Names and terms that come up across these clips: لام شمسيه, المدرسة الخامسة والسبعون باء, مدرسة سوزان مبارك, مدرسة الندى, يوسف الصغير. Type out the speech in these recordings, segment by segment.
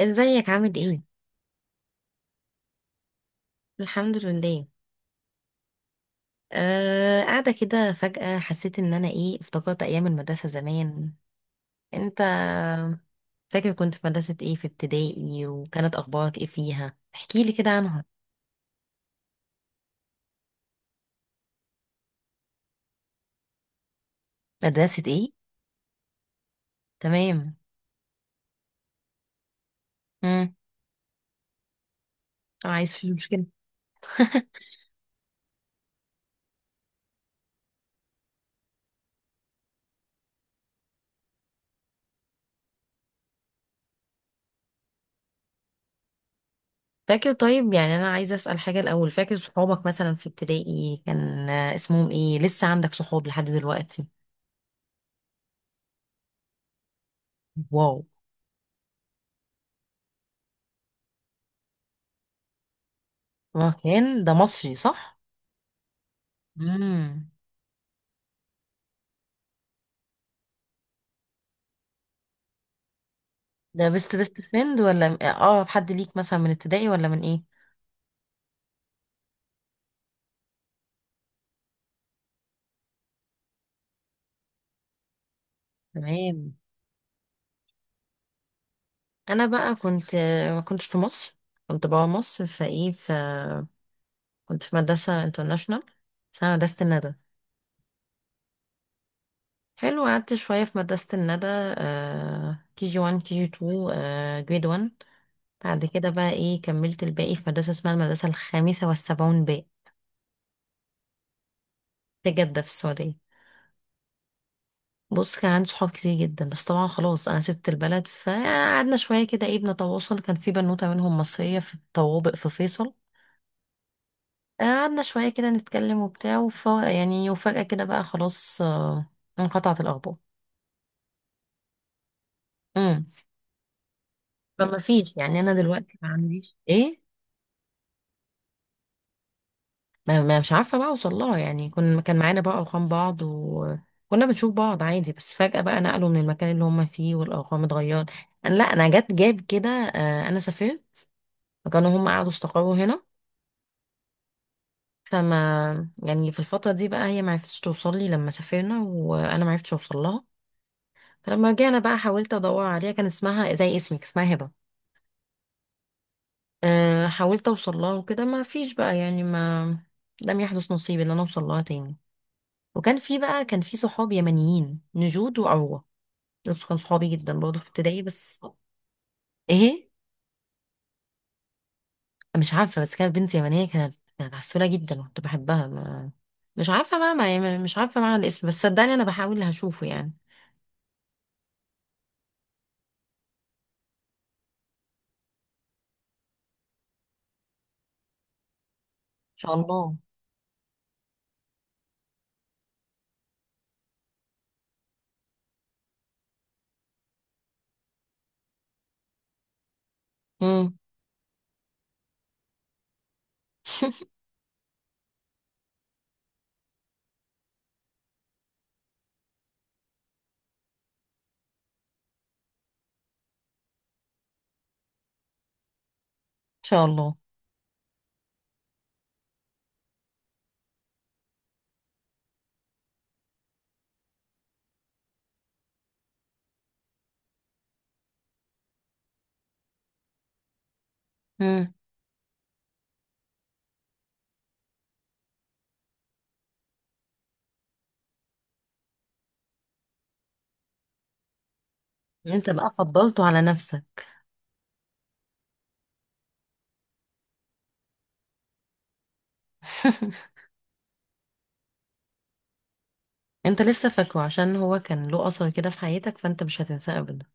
ازيك عامل ايه؟ الحمد لله. آه، قاعده كده فجأة حسيت ان انا افتكرت ايام المدرسه زمان. انت فاكر كنت في مدرسه ايه في ابتدائي؟ وكانت اخبارك ايه فيها؟ احكي لي كده عنها. مدرسه ايه؟ تمام. امم عايز في مشكله. فاكر؟ طيب يعني انا عايزه اسال حاجه الاول، فاكر صحابك مثلا في ابتدائي كان اسمهم ايه؟ لسه عندك صحاب لحد دلوقتي؟ واو. كان ده مصري صح؟ امم ده بيست فريند ولا اه حد ليك مثلا من ابتدائي ولا من ايه؟ تمام. انا بقى كنت، ما كنتش في مصر، كنت بابا مصر فايه كنت في مدرسة انترناشونال اسمها مدرسة الندى. حلو، قعدت شوية في مدرسة الندى، كي جي 1 كي جي 2 جريد 1. بعد كده بقى كملت الباقي في مدرسة اسمها المدرسة الخامسة والسبعون باء، في جدة في السعودية. بص، كان عندي صحاب كتير جدا، بس طبعا خلاص انا سبت البلد، فقعدنا شويه كده بنتواصل. كان في بنوته منهم مصريه في الطوابق في فيصل، قعدنا شويه كده نتكلم وبتاع، يعني وفجاه كده بقى خلاص انقطعت الاخبار. امم فما فيش، يعني انا دلوقتي ما عنديش ما مش عارفه بقى اوصل لها. يعني كان معانا بقى ارقام بعض، وكنا بنشوف بعض عادي، بس فجاه بقى نقلوا من المكان اللي هم فيه، والارقام اتغيرت. لا انا جاب كده، انا سافرت. فكانوا هم قعدوا استقروا هنا. فما يعني في الفترة دي بقى هي معرفتش توصل لي لما سافرنا، وانا معرفتش اوصل لها. فلما رجعنا بقى حاولت ادور عليها. كان اسمها زي اسمك، اسمها هبة. أه حاولت اوصل لها وكده، ما فيش بقى، يعني ما، لم يحدث نصيب ان انا اوصل لها تاني. وكان في بقى، كان في صحاب يمنيين، نجود وعروة. دول كانوا صحابي جدا برضه في ابتدائي بس. ايه؟ مش عارفة، بس كانت بنت يمنية، كانت عسولة جدا وكنت بحبها. ما مش عارفة بقى، ما يعني مش عارفة معنى الاسم، بس صدقني انا بحاول هشوفه يعني ان شاء الله. ان شاء الله. امم انت بقى فضلته على نفسك. انت لسه فاكره عشان هو كان له اثر كده في حياتك، فانت مش هتنساه ابدا.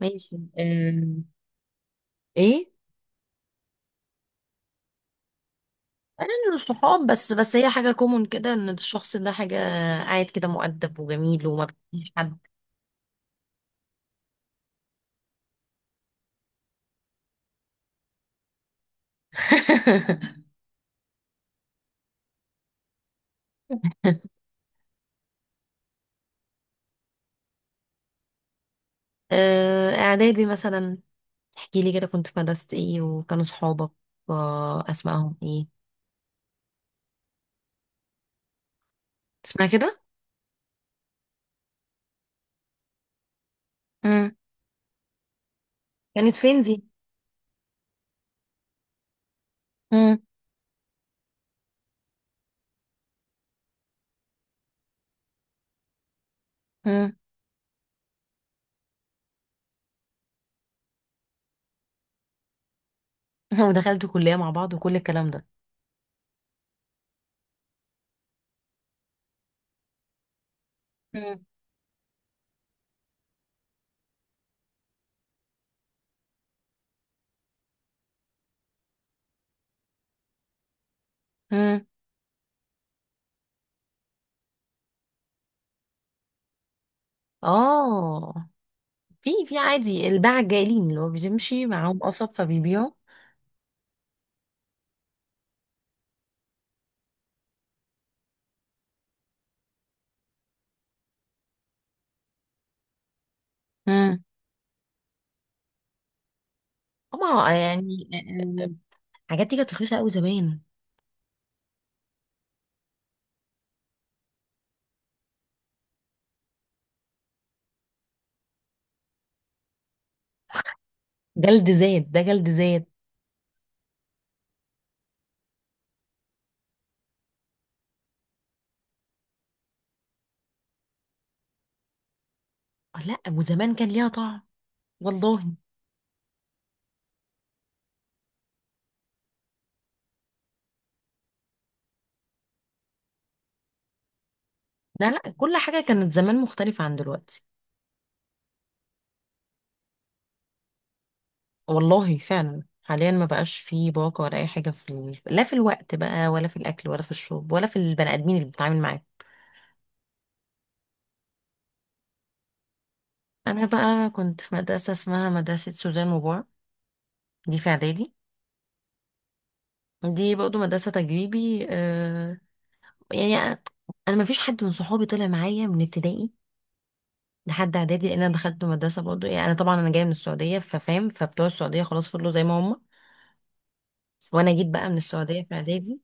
ماشي. ايه؟ انا من الصحاب، بس هي حاجه كومون كده، ان الشخص ده حاجه قاعد كده مؤدب وجميل وما بيأذيش حد. أه، اعدادي مثلا، احكي لي كده كنت في مدرسه ايه وكانوا صحابك أه، اسمائهم ايه. اسمها كده؟ امم كانت فين دي؟ امم امم ودخلتوا كليه مع بعض وكل الكلام ده؟ مم. مم. اه، في عادي الباعة الجاهلين اللي هو بيمشي معاهم قصب فبيبيعوا. مم. طبعا، يعني آه، آه، حاجات دي كانت رخيصة قوي زمان. جلد زاد، ده جلد زاد. لا وزمان كان ليها طعم. والله. لا لا، كل حاجة كانت زمان مختلفة عن دلوقتي. والله فعلا، حاليا ما بقاش فيه باقة ولا أي حاجة في ال... لا في الوقت بقى ولا في الأكل ولا في الشرب ولا في البني آدمين اللي بتتعامل معاهم. أنا بقى كنت في مدرسة اسمها مدرسة سوزان مبارك، دي في إعدادي. دي برضه مدرسة تجريبي آه، يعني انا ما فيش حد من صحابي طلع معايا من ابتدائي لحد اعدادي، لان انا دخلت مدرسة برضه، يعني انا طبعا انا جاية من السعودية، ففاهم فبتوع السعودية خلاص فضلوا زي ما هم، وانا جيت بقى من السعودية في اعدادي.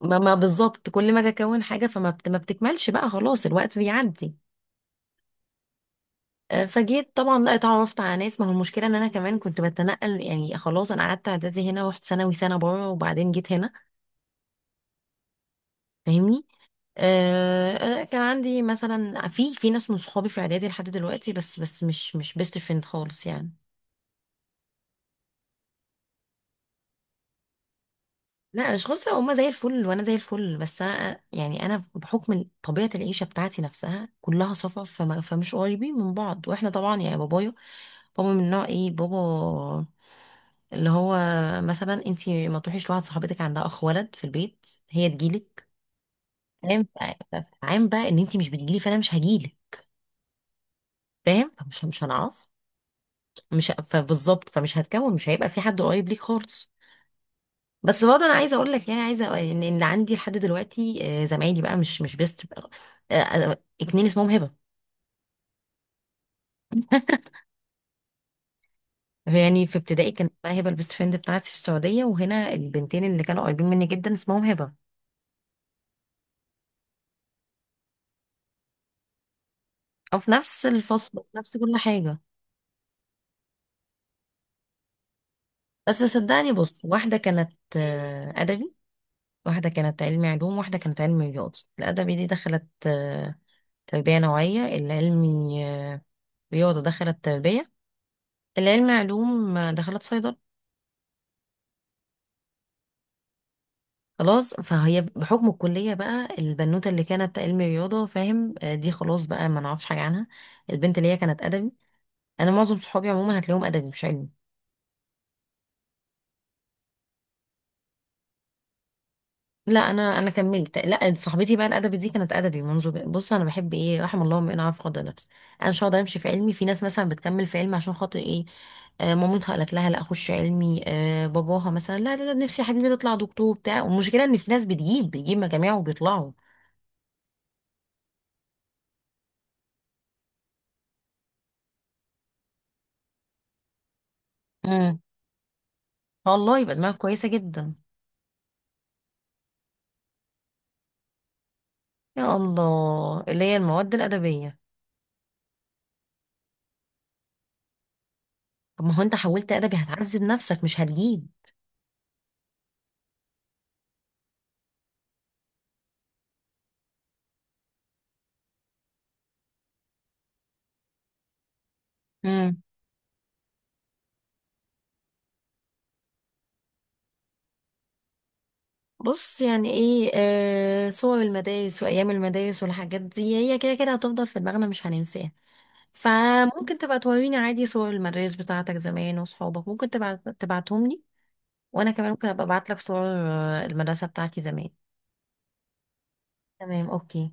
ما بالظبط، كل ما اجي اكون حاجة فما بت ما بتكملش بقى خلاص، الوقت بيعدي. فجيت طبعا لا اتعرفت على ناس، ما هو المشكله ان انا كمان كنت بتنقل، يعني خلاص انا قعدت اعدادي هنا، رحت ثانوي سنه بره، وبعدين جيت هنا. فاهمني؟ انا كان عندي مثلا في ناس من صحابي في اعدادي لحد دلوقتي، بس بس مش بيست فريند خالص يعني. لا مش خالص، هما زي الفل وانا زي الفل، بس انا يعني انا بحكم طبيعه العيشه بتاعتي نفسها كلها سفر، فمش قريبين من بعض. واحنا طبعا يعني بابايا، بابا من نوع ايه بابا، اللي هو مثلا انتي ما تروحيش لواحد صاحبتك عندها اخ ولد في البيت، هي تجيلك، فاهم؟ فعام بقى ان انتي مش بتجيلي، فانا مش هجيلك، فاهم؟ فمش مش هنعرف. مش فبالظبط، فمش هتكون، مش هيبقى في حد قريب ليك خالص. بس برضه انا عايزه اقول لك، يعني عايزه أقول ان إن عندي لحد دلوقتي زمايلي بقى مش بيست، اتنين اسمهم هبه. يعني في ابتدائي كانت بقى هبه البيست فريند بتاعتي في السعوديه، وهنا البنتين اللي كانوا قريبين مني جدا اسمهم هبه. او في نفس الفصل في نفس كل حاجه. بس صدقني بص، واحده كانت ادبي، واحده كانت علمي علوم، واحده كانت علمي رياضه. الادبي دي دخلت تربيه نوعيه، العلمي رياضه دخلت تربيه، علوم دخلت صيدلة. خلاص، فهي بحكم الكلية بقى البنوتة اللي كانت علم رياضة، فاهم دي خلاص بقى ما نعرفش حاجة عنها. البنت اللي هي كانت أدبي، أنا معظم صحابي عموما هتلاقيهم أدبي مش علمي. لا أنا كملت، لا صاحبتي بقى الأدبي دي كانت أدبي منذ بص، أنا بحب إيه، رحم الله امرئ عرف قدر نفسه. أنا مش هقدر أمشي في علمي. في ناس مثلا بتكمل في علمي عشان خاطر إيه، مامتها قالت لها لا اخش علمي، باباها مثلا لا لا لا، نفسي يا حبيبي تطلع دكتور بتاع. والمشكله ان في ناس بتجيب مجاميع وبيطلعوا. والله يبقى دماغك كويسة جدا. يا الله، اللي هي المواد الأدبية. طب ما هو انت حولت أدبي هتعذب نفسك، مش هتجيب. امم بص يعني ايه، صور المدارس وأيام المدارس والحاجات دي هي كده كده هتفضل في دماغنا، مش هننساها. فممكن تبقى توريني عادي صور المدارس بتاعتك زمان وصحابك، ممكن تبعت تبعتهم لي. وأنا كمان ممكن أبقى أبعت لك صور المدرسة بتاعتي زمان. تمام، أوكي.